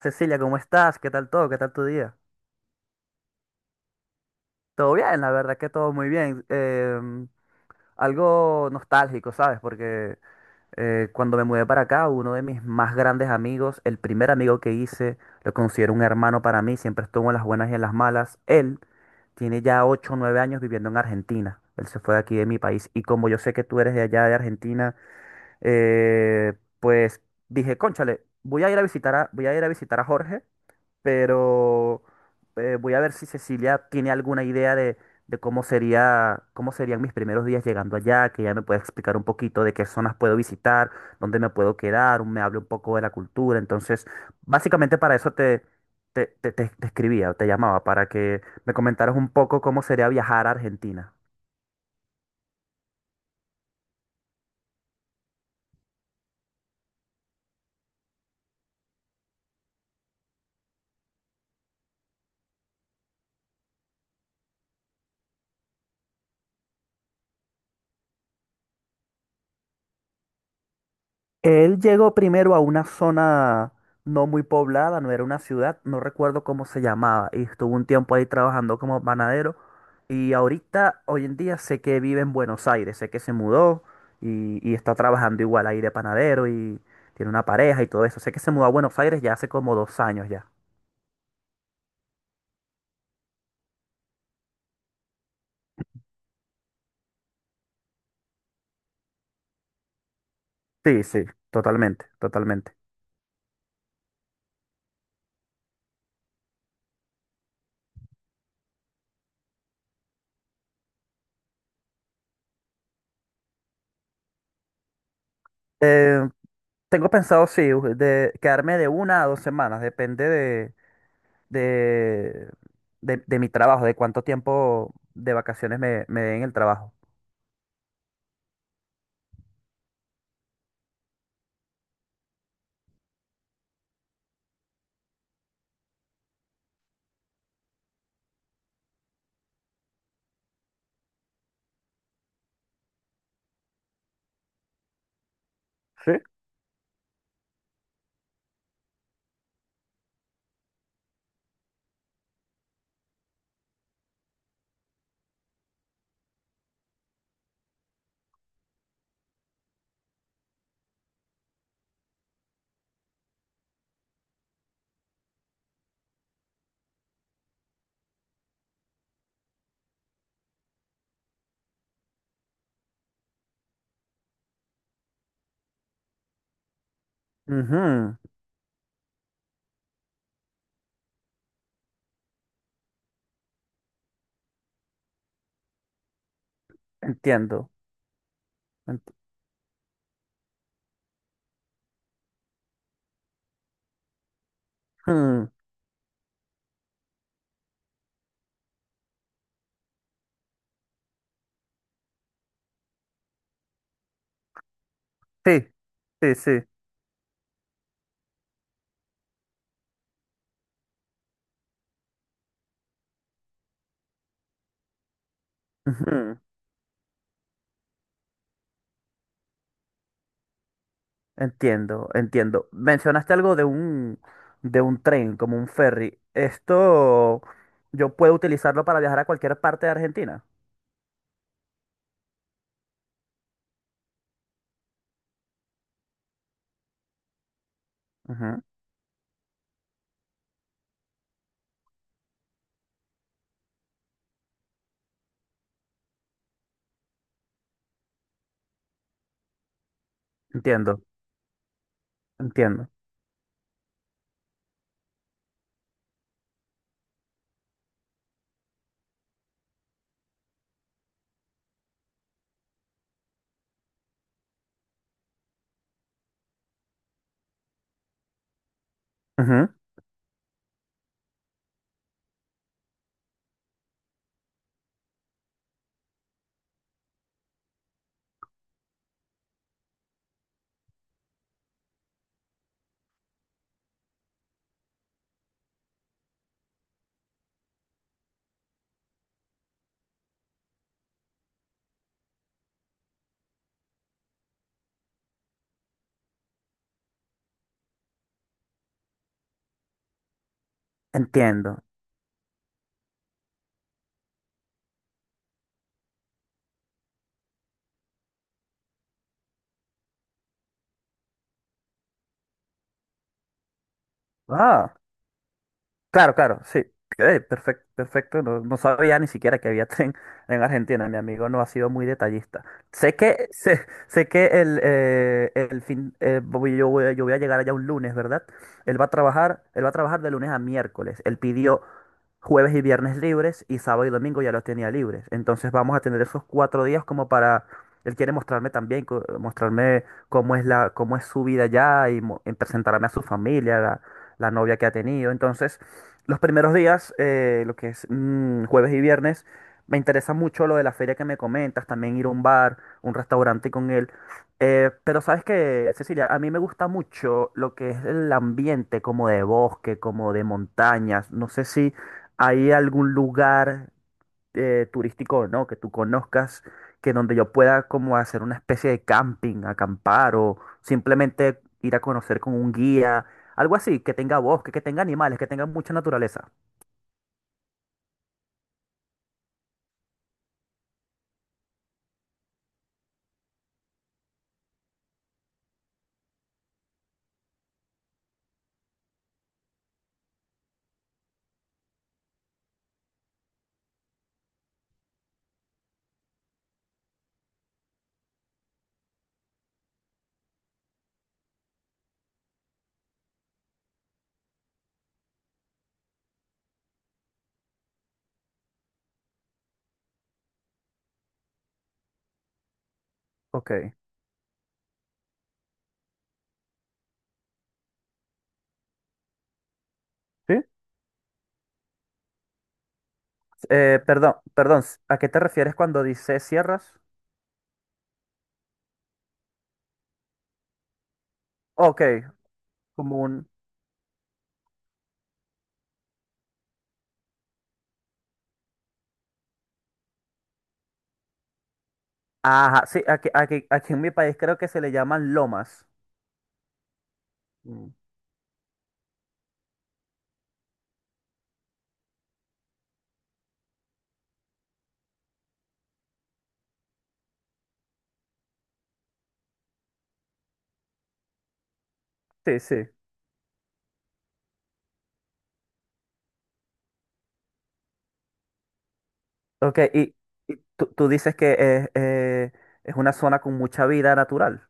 Cecilia, ¿cómo estás? ¿Qué tal todo? ¿Qué tal tu día? Todo bien, la verdad que todo muy bien. Algo nostálgico, ¿sabes? Porque cuando me mudé para acá, uno de mis más grandes amigos, el primer amigo que hice, lo considero un hermano para mí, siempre estuvo en las buenas y en las malas. Él tiene ya 8, o 9 años viviendo en Argentina. Él se fue de aquí de mi país. Y como yo sé que tú eres de allá de Argentina, eh, pues dije, cónchale, voy a ir a visitar a Jorge, pero voy a ver si Cecilia tiene alguna idea de cómo sería, cómo serían mis primeros días llegando allá, que ella me pueda explicar un poquito de qué zonas puedo visitar, dónde me puedo quedar, me hable un poco de la cultura. Entonces, básicamente para eso te escribía, te llamaba, para que me comentaras un poco cómo sería viajar a Argentina. Él llegó primero a una zona no muy poblada, no era una ciudad, no recuerdo cómo se llamaba, y estuvo un tiempo ahí trabajando como panadero. Y ahorita, hoy en día, sé que vive en Buenos Aires, sé que se mudó y está trabajando igual ahí de panadero y tiene una pareja y todo eso. Sé que se mudó a Buenos Aires ya hace como dos años ya. Sí, sí, totalmente, totalmente. Eh, Tengo pensado, sí, de quedarme de una a dos semanas, depende de, de mi trabajo, de cuánto tiempo de vacaciones me den el trabajo. ¿Sí? Ujú. Entiendo. Ent- Ujú. Sí, sí, sí. Ujú. Entiendo, entiendo. Mencionaste algo de de un tren, como un ferry. Esto yo puedo utilizarlo para viajar a cualquier parte de Argentina. Ujú. Entiendo, entiendo. Ujú. Entiendo. Ah, claro, claro, sí. Perfecto, perfecto. No, no sabía ni siquiera que había tren en Argentina. Mi amigo no ha sido muy detallista. Sé que, sé que el fin, yo voy a llegar allá un lunes, ¿verdad? Él va a trabajar de lunes a miércoles. Él pidió jueves y viernes libres y sábado y domingo ya los tenía libres. Entonces vamos a tener esos cuatro días como para, él quiere mostrarme también, mostrarme cómo es cómo es su vida allá y, y presentarme a su familia, la novia que ha tenido. Entonces, los primeros días, lo que es mm, jueves y viernes, me interesa mucho lo de la feria que me comentas, también ir a un bar, un restaurante con él. Pero sabes que, Cecilia, a mí me gusta mucho lo que es el ambiente, como de bosque, como de montañas. No sé si... ¿Hay algún lugar turístico o no que tú conozcas que donde yo pueda como hacer una especie de camping, acampar o simplemente ir a conocer con un guía, algo así, que tenga bosque, que tenga animales, que tenga mucha naturaleza? Ok. ¿Sí? Perdón, perdón, ¿a qué te refieres cuando dices sierras? Ok, como un... Ajá, sí, aquí en mi país creo que se le llaman lomas. Mm. Sí, sí. Ok, y tú dices que es una zona con mucha vida natural,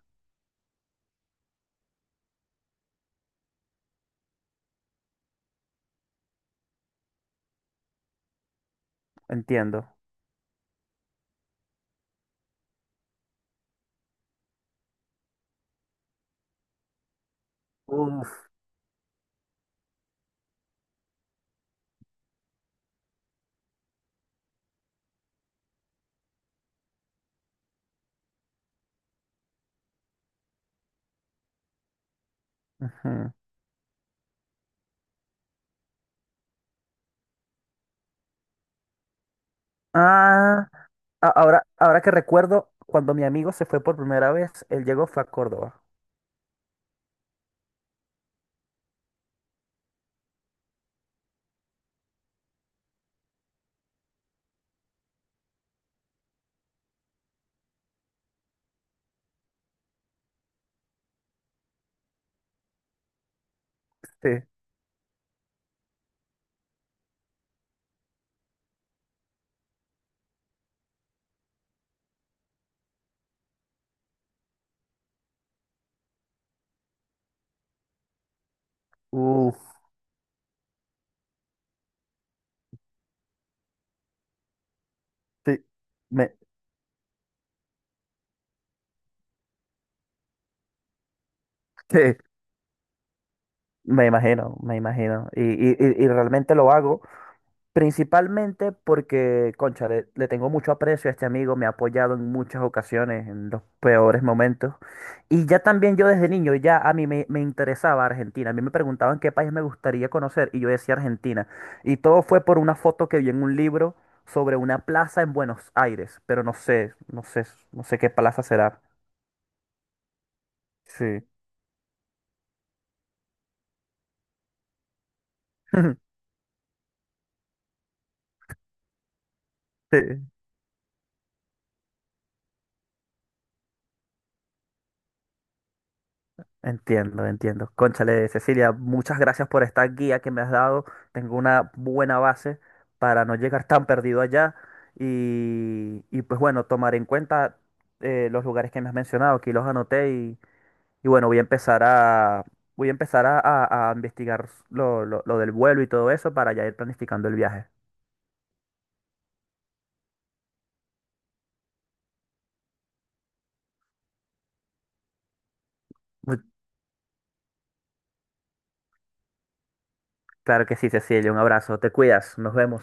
entiendo. Uf. Ujú. Ah, ahora que recuerdo, cuando mi amigo se fue por primera vez, él llegó fue a Córdoba. Sí. Uf. Sí. Me, sí, me imagino, me imagino. Y realmente lo hago. Principalmente porque, concha, le tengo mucho aprecio a este amigo, me ha apoyado en muchas ocasiones, en los peores momentos. Y ya también yo desde niño, ya a me interesaba Argentina. A mí me preguntaban qué país me gustaría conocer y yo decía Argentina. Y todo fue por una foto que vi en un libro sobre una plaza en Buenos Aires, pero no sé qué plaza será. Sí. Sí. Entiendo, entiendo. Cónchale, Cecilia, muchas gracias por esta guía que me has dado. Tengo una buena base para no llegar tan perdido allá. Pues bueno, tomar en cuenta los lugares que me has mencionado, aquí los anoté y bueno, voy a empezar a investigar lo del vuelo y todo eso para ya ir planificando el viaje. Mu- Claro que sí, Cecilia, un abrazo, te cuidas, nos vemos.